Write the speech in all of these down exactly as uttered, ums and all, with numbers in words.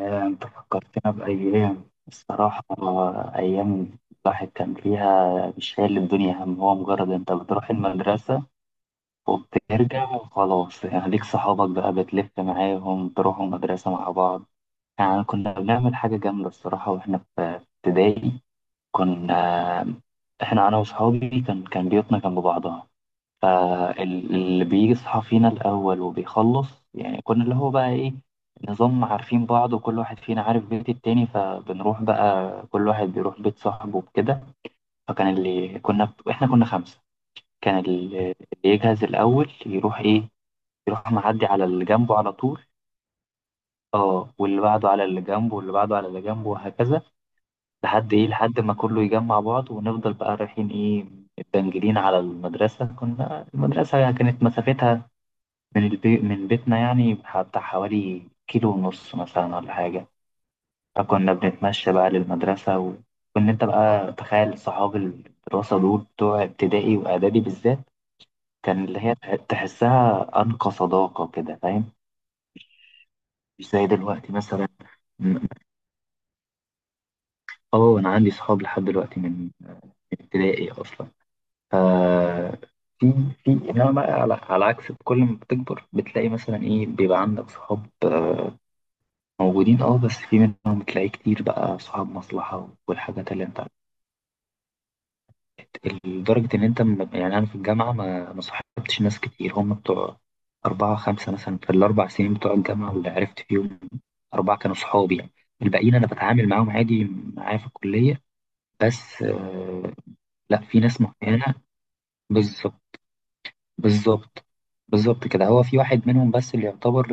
آه، أنت فكرتنا بأيام الصراحة. آه، أيام الواحد كان فيها مش شايل الدنيا هم، هو مجرد أنت بتروح المدرسة وبترجع وخلاص. يعني ليك صحابك بقى بتلف معاهم، تروحوا المدرسة مع بعض. يعني كنا بنعمل حاجة جامدة الصراحة وإحنا في ابتدائي. كنا إحنا أنا وصحابي كان كان بيوتنا جنب بعضها، فاللي بيصحى فينا الأول وبيخلص يعني كنا اللي هو بقى إيه، نظام عارفين بعض وكل واحد فينا عارف بيت التاني، فبنروح بقى كل واحد بيروح بيت صاحبه وكده. فكان اللي كنا إحنا كنا خمسة. كان اللي اللي يجهز الأول يروح إيه، يروح معدي على اللي جنبه على طول. اه، واللي بعده على اللي جنبه، واللي بعده على اللي جنبه، وهكذا لحد ايه لحد ما كله يجمع بعض، ونفضل بقى رايحين ايه، متبنجلين على المدرسة. كنا المدرسة كانت مسافتها من البي... من بيتنا يعني بتاع حوالي كيلو ونص مثلا ولا حاجة، فكنا بنتمشى بقى للمدرسة و... وإن أنت بقى تخيل صحاب الدراسة دول بتوع ابتدائي وإعدادي بالذات، كان اللي هي تح- تحسها أنقى صداقة كده، فاهم؟ مش زي دلوقتي مثلا. م- اه، أنا عندي صحاب لحد دلوقتي من ابتدائي أصلا. ف في في إنما بقى على... على عكس، كل ما بتكبر بتلاقي مثلا إيه، بيبقى عندك صحاب موجودين اه، بس في منهم تلاقيه كتير بقى صاحب مصلحة والحاجات اللي انت عارف. لدرجة ان انت م- يعني انا في الجامعة ما ما صاحبتش ناس كتير، هم بتوع أربعة خمسة مثلا في الأربع سنين بتوع الجامعة. اللي عرفت فيهم أربعة كانوا صحابي يعني. الباقيين أنا بتعامل معاهم عادي معايا في الكلية بس. آه، لا في ناس معينة. بالظبط، بالظبط، بالظبط كده. هو في واحد منهم بس اللي يعتبر،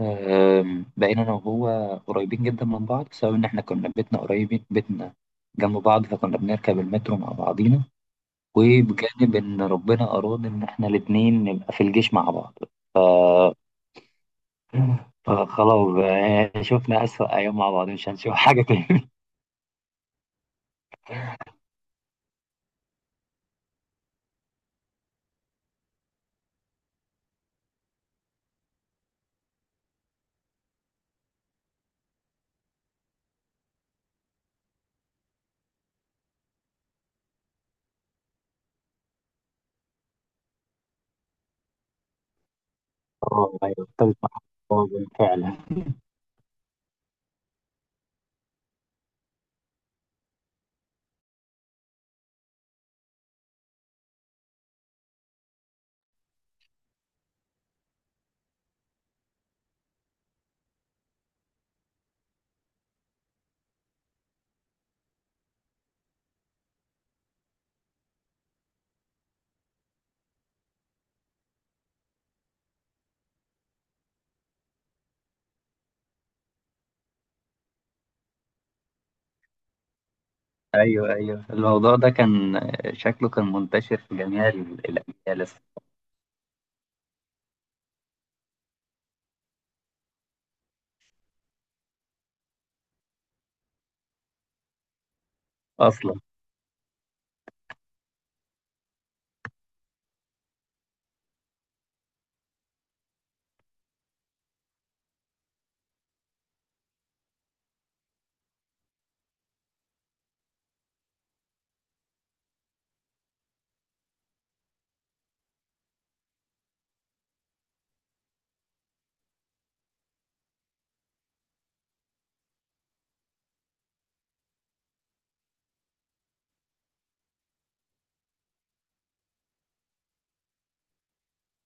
آم، بقينا أنا وهو قريبين جدا من بعض، بسبب إن إحنا كنا بيتنا قريبين، بيتنا جنب بعض، فكنا بنركب المترو مع بعضينا. وبجانب إن ربنا أراد إن إحنا الاتنين نبقى في الجيش مع بعض فخلاص بقى يعني شفنا أسوأ أيام مع بعض، مش هنشوف حاجة تاني. اه، ايوه ابتدت مع بعض فعلا. ايوه، ايوه، الموضوع ده كان شكله كان منتشر في جميع ال- الاجيال اصلا.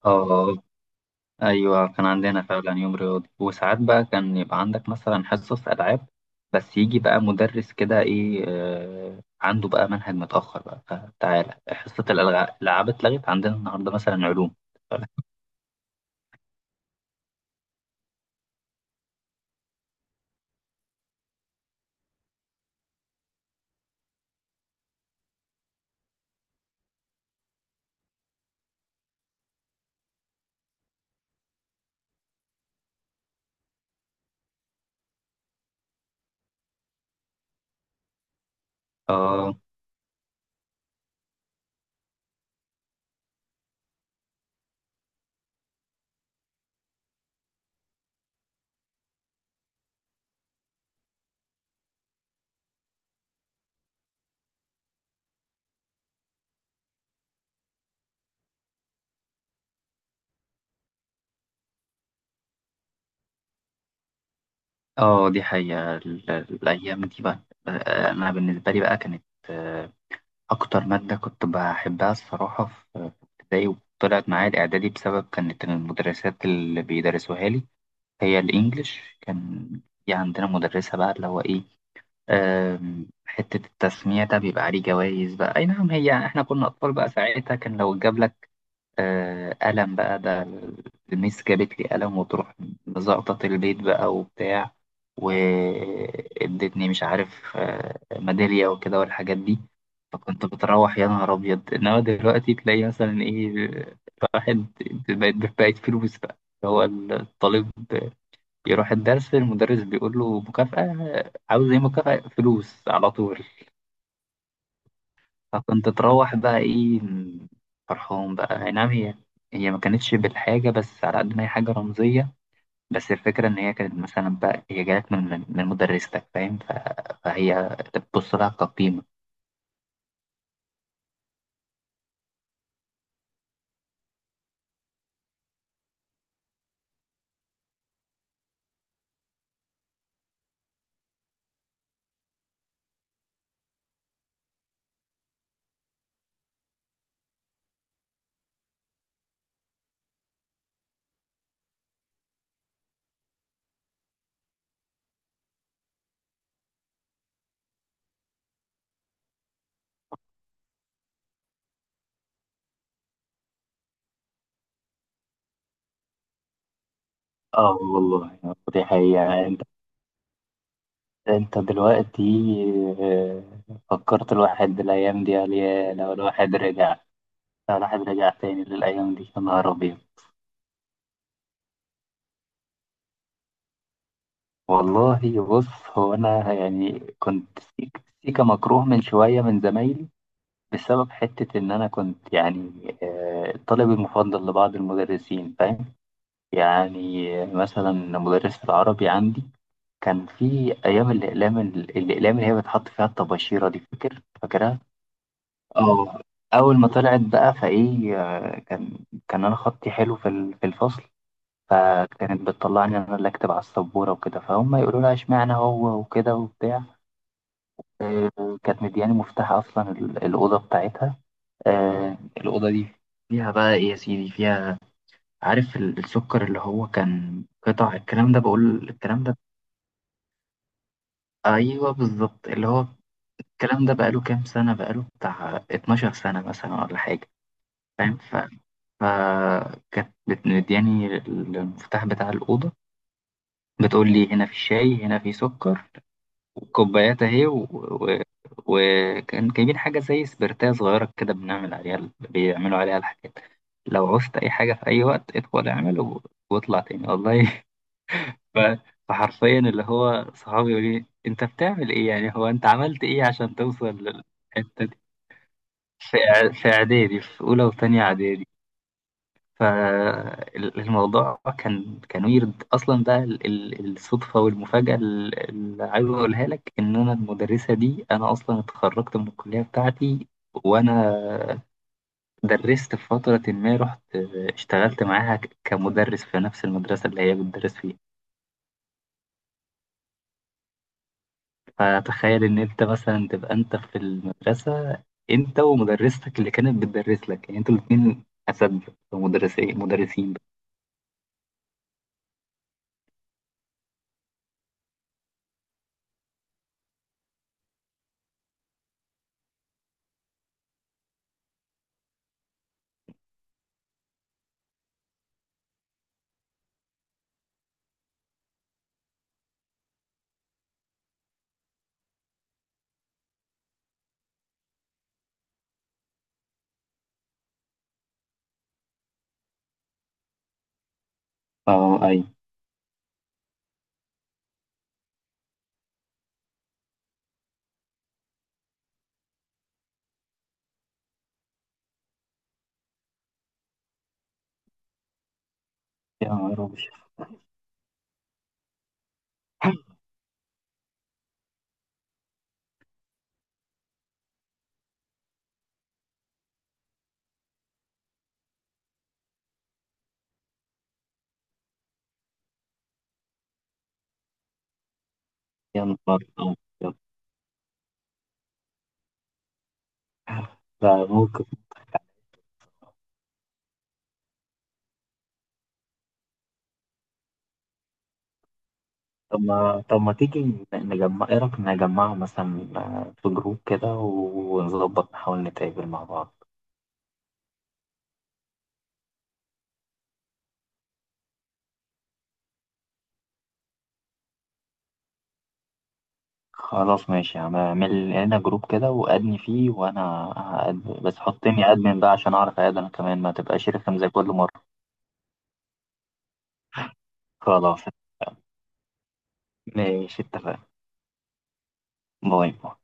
اه، ايوه كان عندنا فعلا يوم رياضي. وساعات بقى كان يبقى عندك مثلا حصص العاب، بس يجي بقى مدرس كده ايه، آه عنده بقى منهج متاخر بقى، فتعالى حصه الألع- الالعاب اتلغت عندنا النهارده مثلا علوم. اه. اه، دي حقيقه، ال- الايام دي بقى. آه، انا بالنسبه لي بقى كانت آه، اكتر ماده كنت بحبها الصراحه في في ابتدائي وطلعت معايا الاعدادي، بسبب كانت المدرسات اللي بيدرسوها لي هي الإنجليش. كان في عندنا مدرسة بقى اللي هو إيه، آم، حتة التسميع ده بيبقى عليه جوائز بقى. أي نعم، هي إحنا كنا أطفال بقى ساعتها، كان لو جاب لك آه، قلم بقى ده، الميس جابت لي قلم وتروح مزقطط البيت بقى وبتاع، وادتني مش عارف آه، ميدالية وكده والحاجات دي. فكنت بتروح يا نهار أبيض. إنما دلوقتي تلاقي مثلا إيه، واحد بقت بقت فلوس بقى، اللي هو الطالب يروح الدرس، المدرس بيقول له مكافأة، عاوز ايه؟ مكافأة فلوس على طول. فكنت تروح بقى ايه، فرحان بقى. اي نعم، هي هي ما كانتش بالحاجة، بس على قد ما هي حاجة رمزية. بس الفكرة إن هي كانت مثلا بقى هي جالك من من من مدرستك، فاهم؟ ف- فهي بتبص لها كقيمة. اه والله. دي حقيقة. انت انت دلوقتي، آه، فكرت الواحد الايام دي، قال يا لو الواحد رجع لو الواحد رجع تاني للايام دي، يا نهار ابيض. والله بص، هو انا يعني كنت سيك- سيكا مكروه من شويه من زمايلي، بسبب حته ان انا كنت يعني آه، الطالب المفضل لبعض المدرسين، فاهم؟ يعني آه، مثلا مدرس العربي عندي كان في ايام الاقلام، ال- الاقلام اللي هي بتحط فيها الطباشيره دي، فاكر فاكرها؟ اه، اول ما طلعت بقى فايه آه، كان كان انا خطي حلو في ال- في الفصل، فكانت بتطلعني أنا اللي أكتب على السبورة وكده، فهم يقولوا لها إشمعنى هو وكده وبتاع. آه، كانت مدياني مفتاح أصلا ال- الأوضة بتاعتها. آه، الأوضة دي فيها بقى إيه يا سيدي، فيها عارف ال- السكر اللي هو كان قطع الكلام ده، بقول الكلام ده. أيوه بالظبط، اللي هو الكلام ده بقاله كام سنة، بقاله بتاع اتناشر سنة مثلا ولا حاجة. فاهم؟ ف... فكانت بت- مدياني المفتاح بتاع الأوضة، بتقول لي هنا في شاي، هنا في سكر، كوبايات اهي. وكان و... و... وكان جايبين حاجة زي سبرتاية صغيرة كده، بنعمل عليها ال- بيعملوا عليها الحاجات. لو عوزت أي حاجة في أي وقت ادخل اعمل و... واطلع تاني، والله. ف... فحرفيا اللي هو صحابي يقول لي أنت بتعمل إيه يعني، هو أنت عملت إيه عشان توصل للحتة دي؟ في إع- في إعدادي، في أولى وتانية إعدادي. فالموضوع كان كان ويرد اصلا بقى ال- ال- الصدفه والمفاجاه ال- اللي عايز اقولها لك، ان انا المدرسه دي انا اصلا اتخرجت من الكليه بتاعتي، وانا درست في فتره. ما رحت اشتغلت معاها ك- كمدرس في نفس المدرسه اللي هي بتدرس فيها. فتخيل ان انت مثلا تبقى انت في المدرسه انت ومدرستك اللي كانت بتدرس لك، يعني انتوا الاثنين اساتذه، مدرسين مدرسين. اه، اي. يا نهار أبيض. يا نهار أبيض. فممكن طب ما طب ما تيجي نجمع، ايه رأيك نجمعه مثلا آه، في جروب كده ونظبط نحاول نتقابل مع بعض؟ خلاص ماشي. يعني اعمل لنا جروب كده وأدني فيه، وأنا هأد- بس حطني أدمن بقى عشان أعرف أقعد أنا كمان، ما تبقاش رخم زي كل مرة. خلاص ماشي، اتفقنا. باي باي.